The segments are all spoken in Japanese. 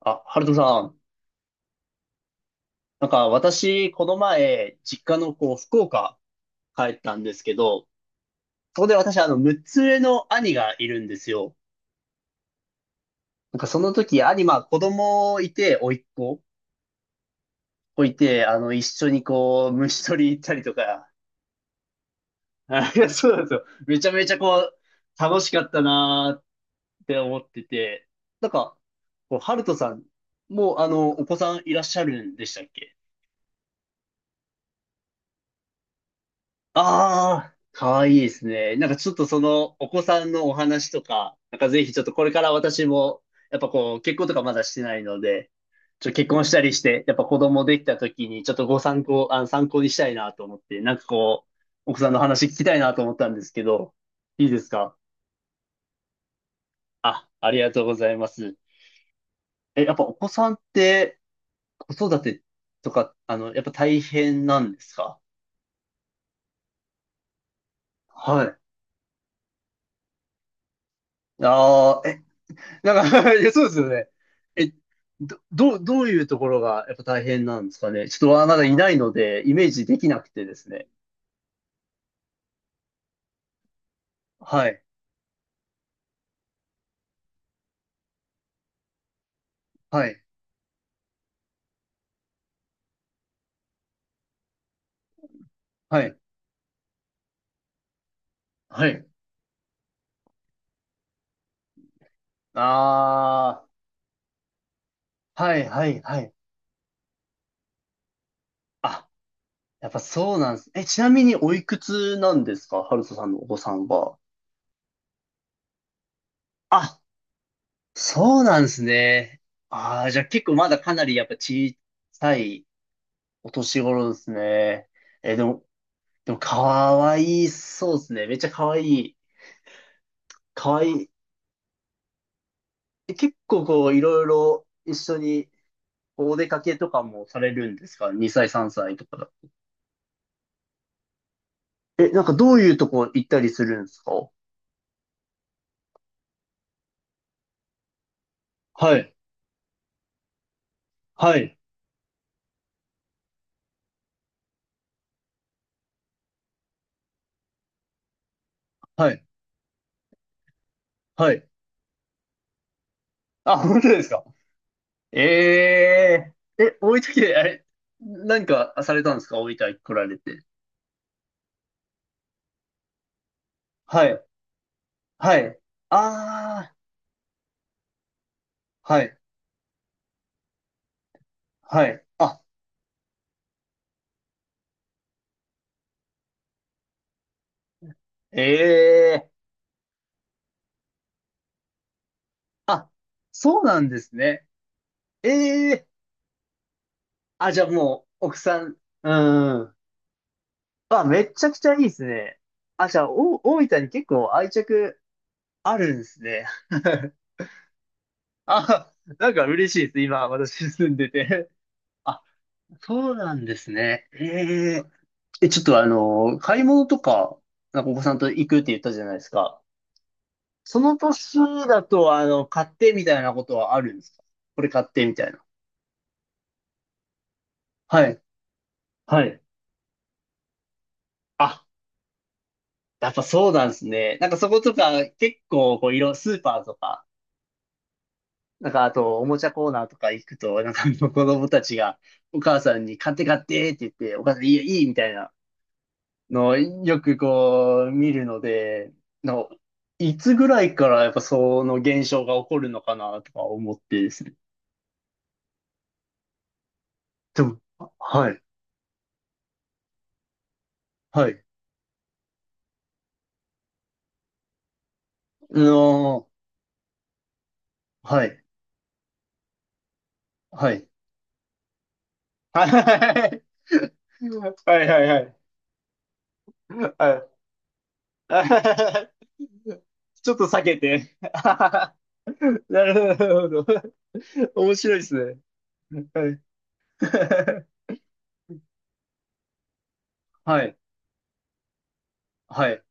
あ、ハルトさん。私、この前、実家の福岡帰ったんですけど、そこで私、6つ上の兄がいるんですよ。その時、兄、子供いて、甥っ子子いて、一緒に虫取り行ったりとか、あいや、そうなんですよ。めちゃめちゃ楽しかったなーって思ってて、なんか、ハルトさん、もうお子さんいらっしゃるんでしたっけ？ああ、かわいいですね。ちょっとそのお子さんのお話とか、ぜひちょっとこれから私も、やっぱ結婚とかまだしてないので、ちょっと結婚したりして、やっぱ子供できた時にちょっとご参考、参考にしたいなと思って、奥さんの話聞きたいなと思ったんですけど、いいですか？あ、ありがとうございます。え、やっぱお子さんって子育てとか、やっぱ大変なんですか？はい。ああ、え、いや、そうですよね。え、どういうところがやっぱ大変なんですかね。ちょっとまだいないので、イメージできなくてですね。はい、はい、はい、はい。ああ、はい、はい、はい。あ、やっぱそうなんです。え、ちなみにおいくつなんですか？ハルトさんのお子さんは。あ、そうなんですね。ああ、じゃあ結構まだかなりやっぱ小さいお年頃ですね。え、でも、でもかわいそうですね。めっちゃかわいい。かわいい。え、結構いろいろ一緒にお出かけとかもされるんですか？ 2 歳、3歳とかだ。え、どういうとこ行ったりするんですか？はい、はい、はい、はい。あ、本当ですか？ええー。え、大分県、あれ、何かされたんですか？大分来られて。はい、はい。ああ、はい、はい。あ、ええー。あ、そうなんですね。ええー。あ、じゃあもう、奥さん、うん。あ、めちゃくちゃいいですね。あ、じゃあ、お、大分に結構愛着あるんですね。あ、嬉しいです。今、私住んでて。あ、そうなんですね。ええ、え、ちょっと買い物とか、お子さんと行くって言ったじゃないですか。その年だと、買ってみたいなことはあるんですか？これ買ってみたいな。はい。はい。あ、やっぱそうなんですね。そことか、結構、スーパーとか、あと、おもちゃコーナーとか行くと、あの子供たちが、お母さんに買って買ってって言って、お母さんいいよ、いいみたいなのをよく見るので、の、いつぐらいからやっぱその現象が起こるのかなとか思ってですね。でも、あ、はい、はい、うの、はい、はい。はい、はい、はい。はい、はい、はい。あ、 ちょっと避けて。なるほど。面白いですね。はい。はい。はい。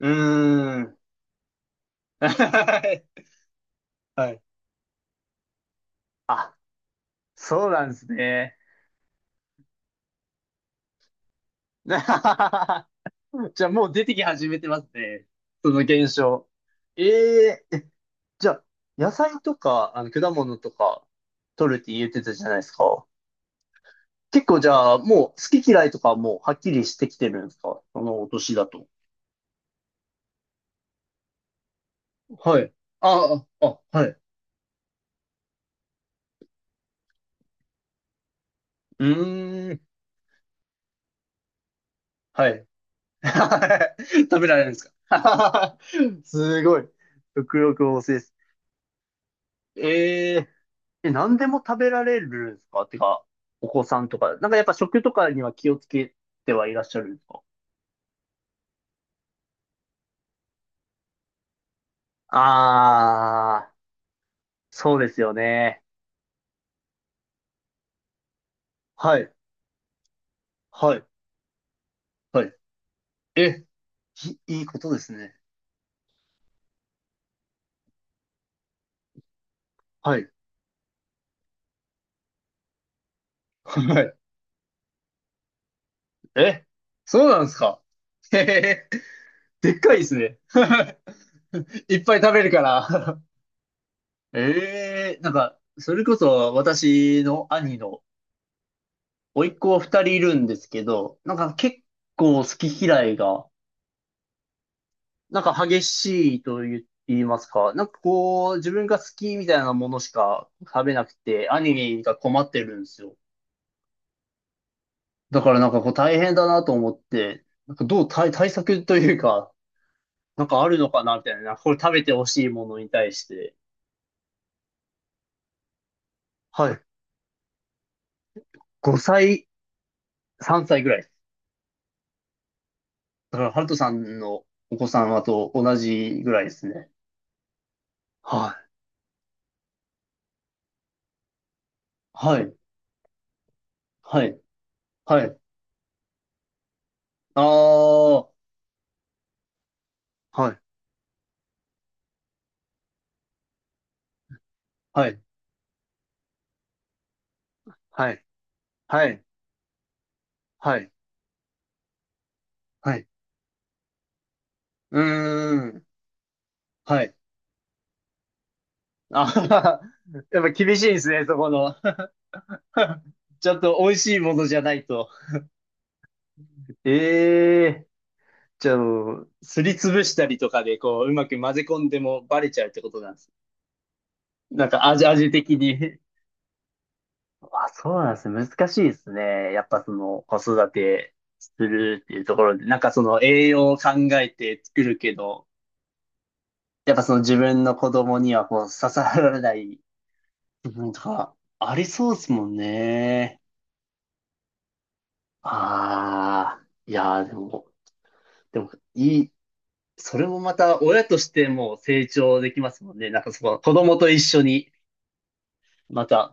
うーん。はい。はい。あ、そうなんですね。じゃあもう出てき始めてますね。その現象。ええ、じゃあ、野菜とか、果物とか、取るって言ってたじゃないですか。結構じゃあ、もう好き嫌いとかもはっきりしてきてるんですか？そのお年だと。はい。ああ、あ、はい。うーん。はい。食べられるんですか？ すごい。食欲旺盛です。ええ、え、何でも食べられるんですか？てか、お子さんとか。やっぱ食とかには気をつけてはいらっしゃるんですか？ああー、そうですよね。はい。はい。はい。え、いいいことですね。はい。え、そうなんですか。へへへ、でっかいですね。いっぱい食べるから。ええ、それこそ私の兄の甥っ子二人いるんですけど、結構好き嫌いが、激しいと言いますか、自分が好きみたいなものしか食べなくて、兄が困ってるんですよ。だから大変だなと思って、どう対、対策というか、あるのかなみたいな。これ食べてほしいものに対して。はい。5歳、3歳ぐらいです。だから、ハルトさんのお子さんはと同じぐらいですね。はい。はい。はい。はい。ああ。はい、はい。はい。はい。はい。はい。うーん。はい。あはは、やっぱ厳しいですね、そこの。ちょっと美味しいものじゃないと。ええ、じゃあ、すりつぶしたりとかで、うまく混ぜ込んでもバレちゃうってことなんですね。味的に。あ、そうなんですね。難しいですね。やっぱその子育てするっていうところで、その栄養を考えて作るけど、やっぱその自分の子供にはこう刺さらない部分とかありそうですもんね。ああ、いやーでも、でもいい。それもまた親としても成長できますもんね。その子供と一緒にまた、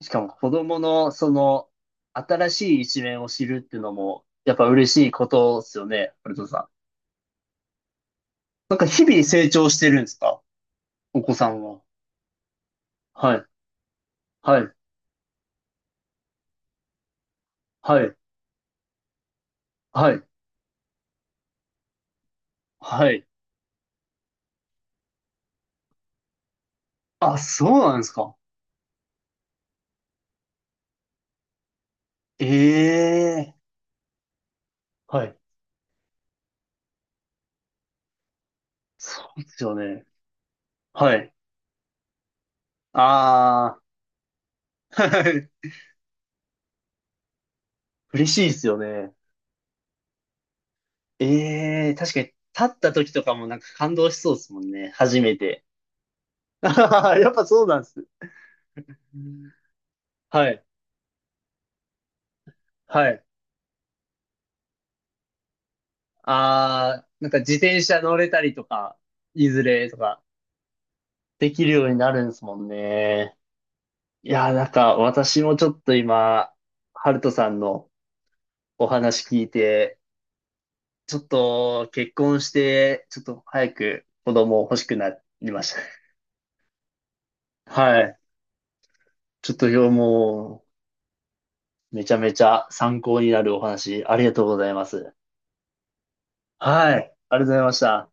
しかも子供のその新しい一面を知るっていうのもやっぱ嬉しいことですよね、ハルトさん。日々成長してるんですか？お子さんは。はい、はい、はい、はい、はい。あ、そうなんですか。ええ、はい。そうですよね。はい。ああ、はい。嬉しいですよね。ええ、確かに立った時とかも感動しそうですもんね。初めて。やっぱそうなんです。はい。はい。ああ、自転車乗れたりとか、いずれとか、できるようになるんですもんね。いやー、私もちょっと今、ハルトさんのお話聞いて、ちょっと結婚して、ちょっと早く子供欲しくなりました。はい。ちょっと今日もう、めちゃめちゃ参考になるお話、ありがとうございます。はい。ありがとうございました。